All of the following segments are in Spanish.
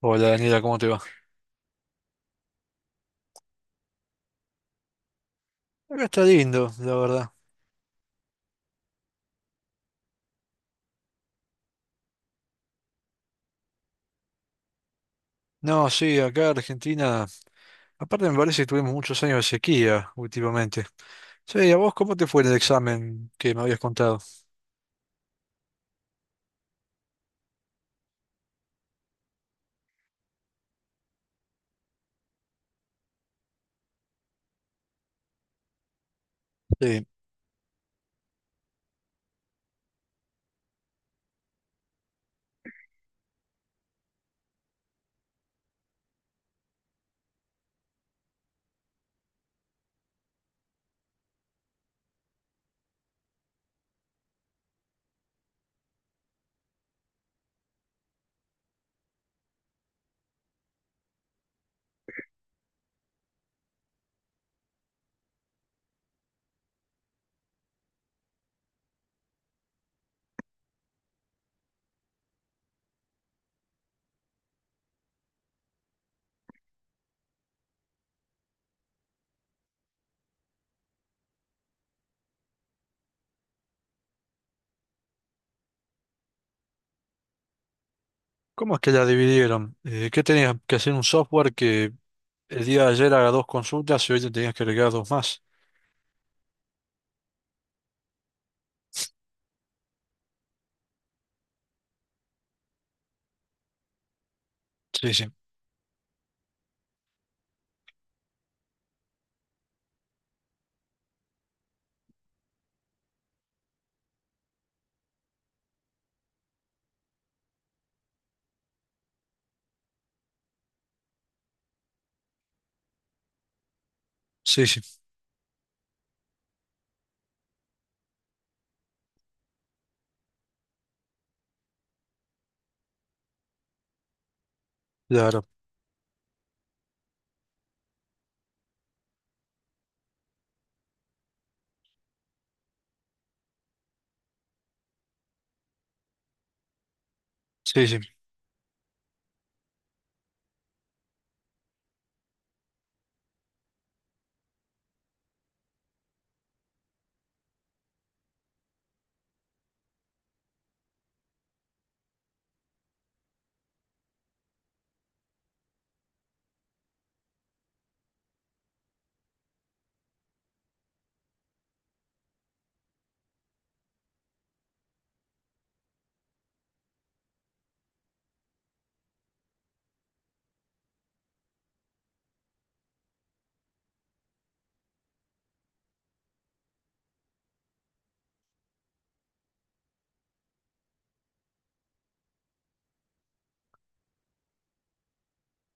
Hola Daniela, ¿cómo te va? Acá está lindo, la verdad. No, sí, acá Argentina, aparte me parece que tuvimos muchos años de sequía últimamente. Sí, ¿a vos cómo te fue en el examen que me habías contado? Sí, ¿cómo es que la dividieron? ¿Qué tenías que hacer un software que el día de ayer haga dos consultas y hoy te tenías que agregar dos más? Sí, sí, sí, sí, claro, sí, sí.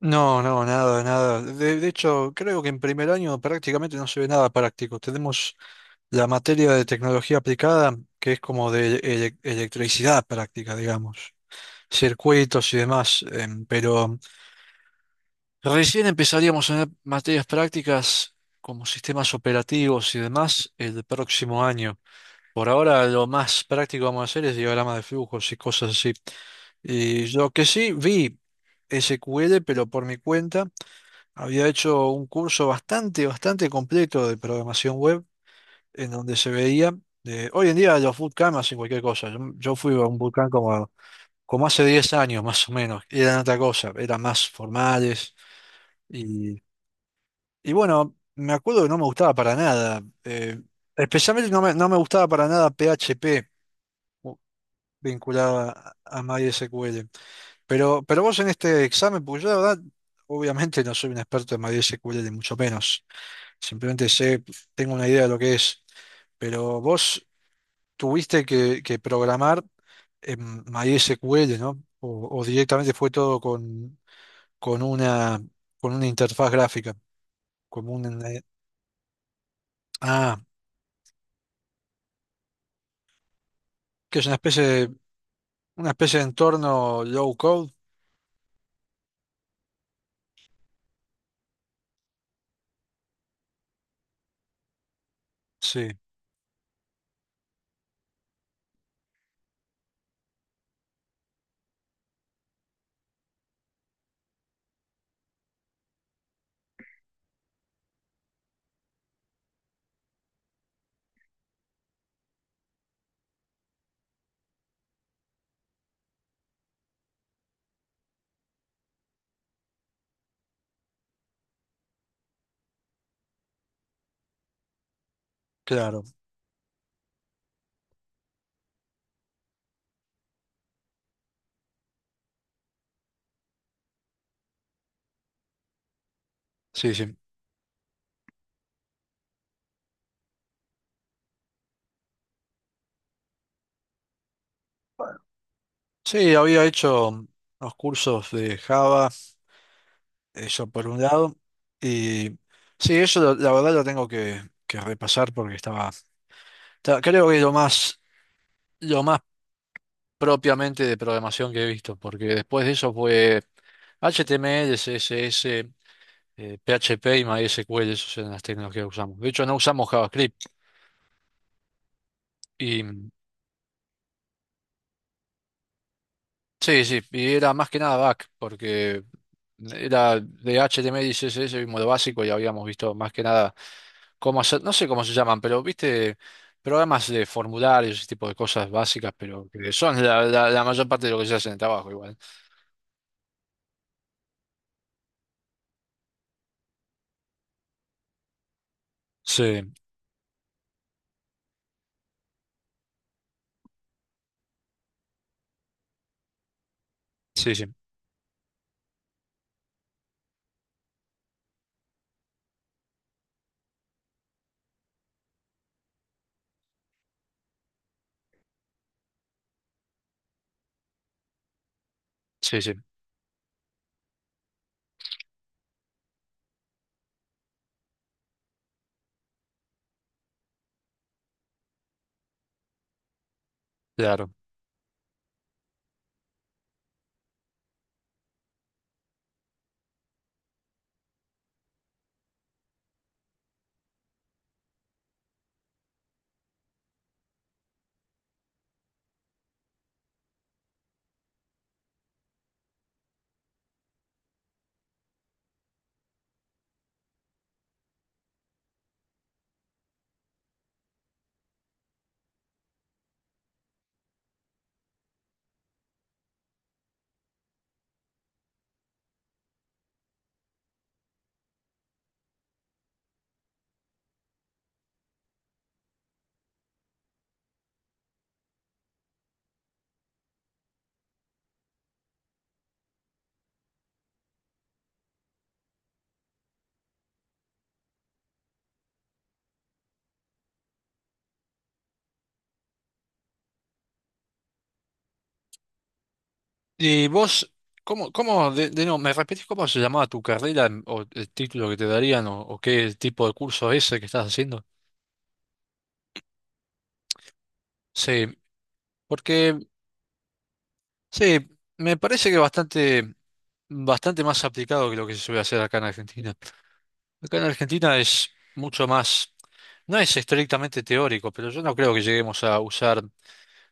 No, no, nada, nada. De hecho, creo que en primer año prácticamente no se ve nada práctico. Tenemos la materia de tecnología aplicada, que es como de electricidad práctica, digamos, circuitos y demás, pero recién empezaríamos a ver materias prácticas como sistemas operativos y demás el próximo año. Por ahora lo más práctico vamos a hacer es diagrama de flujos y cosas así. Y lo que sí vi SQL, pero por mi cuenta, había hecho un curso bastante, bastante completo de programación web en donde se veía. Hoy en día los bootcamp hacen cualquier cosa. Yo fui a un bootcamp como hace 10 años más o menos, y eran otra cosa, eran más formales. Y, y bueno, me acuerdo que no me gustaba para nada. Especialmente no me gustaba para nada PHP u- vinculado a MySQL. Pero vos en este examen, porque yo la verdad, obviamente no soy un experto en MySQL, ni mucho menos. Simplemente sé, tengo una idea de lo que es. Pero vos tuviste que programar en MySQL, ¿no? O directamente fue todo con una, con una interfaz gráfica, como un, ah, que es una especie de entorno low code. Sí, claro, sí, sí. Sí, había hecho unos cursos de Java, eso por un lado, y sí, la verdad lo tengo que repasar porque creo que lo más propiamente de programación que he visto, porque después de eso fue HTML, CSS, PHP y MySQL, esas eran las tecnologías que usamos. De hecho, no usamos JavaScript y sí, sí, y era más que nada back, porque era de HTML y CSS vimos lo básico y habíamos visto más que nada cómo hacer, no sé cómo se llaman, pero viste programas de formularios, ese tipo de cosas básicas, pero que son la mayor parte de lo que se hace en el trabajo igual. Sí, sí, sí, sí, sí, claro. Y vos, ¿cómo, cómo, de nuevo, me repetís cómo se llamaba tu carrera o el título que te darían o qué tipo de curso es ese que estás haciendo? Sí, porque sí, me parece que bastante, bastante más aplicado que lo que se suele hacer acá en Argentina. Acá en Argentina es mucho más, no es estrictamente teórico, pero yo no creo que lleguemos a usar,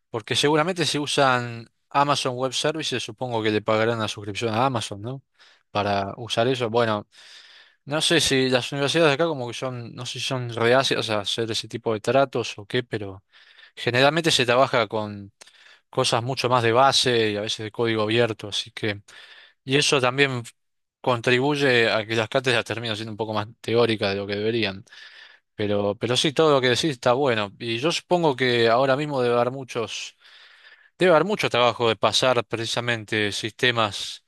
porque seguramente si usan Amazon Web Services, supongo que le pagarán la suscripción a Amazon, ¿no? Para usar eso, bueno. No sé si las universidades de acá como que son, no sé si son reacias a hacer ese tipo de tratos o qué, pero generalmente se trabaja con cosas mucho más de base y a veces de código abierto, así que, y eso también contribuye a que las cátedras terminen siendo un poco más teóricas de lo que deberían. Pero sí, todo lo que decís está bueno. Y yo supongo que ahora mismo debe haber muchos, debe haber mucho trabajo de pasar precisamente sistemas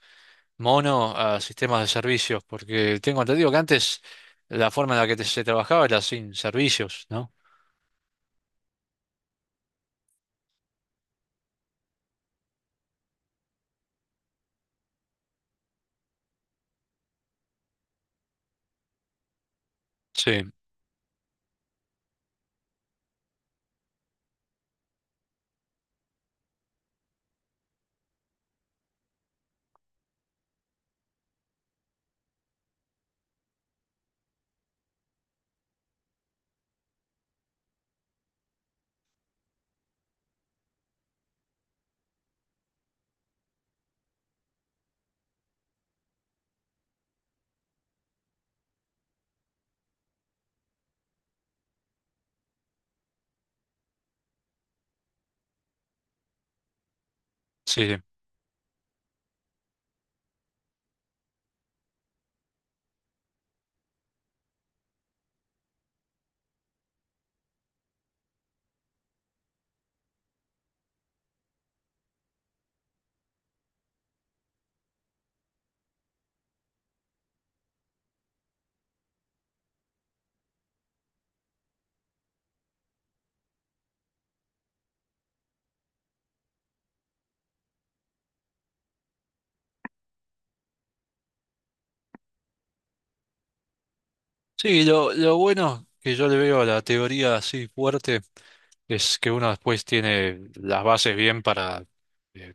mono a sistemas de servicios, porque tengo entendido que antes la forma en la que se trabajaba era sin servicios, ¿no? Sí, sí, sí. Sí, lo bueno que yo le veo a la teoría así fuerte es que uno después tiene las bases bien para eh,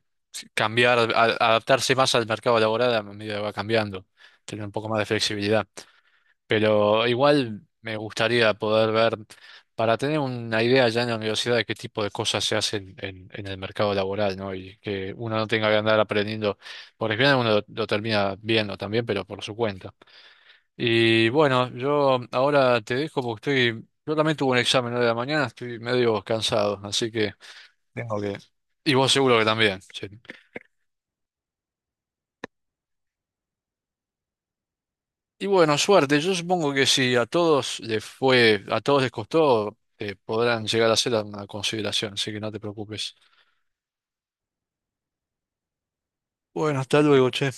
cambiar, adaptarse más al mercado laboral a medida que va cambiando, tener un poco más de flexibilidad. Pero igual me gustaría poder ver, para tener una idea ya en la universidad de qué tipo de cosas se hacen en el mercado laboral, ¿no? Y que uno no tenga que andar aprendiendo, porque al final uno lo termina viendo también, pero por su cuenta. Y bueno, yo ahora te dejo porque estoy, yo también tuve un examen hoy de la mañana, estoy medio cansado, así que tengo que... Y vos seguro que también. Sí. Y bueno, suerte. Yo supongo que si a todos les fue, a todos les costó, podrán llegar a ser una consideración, así que no te preocupes. Bueno, hasta luego, che.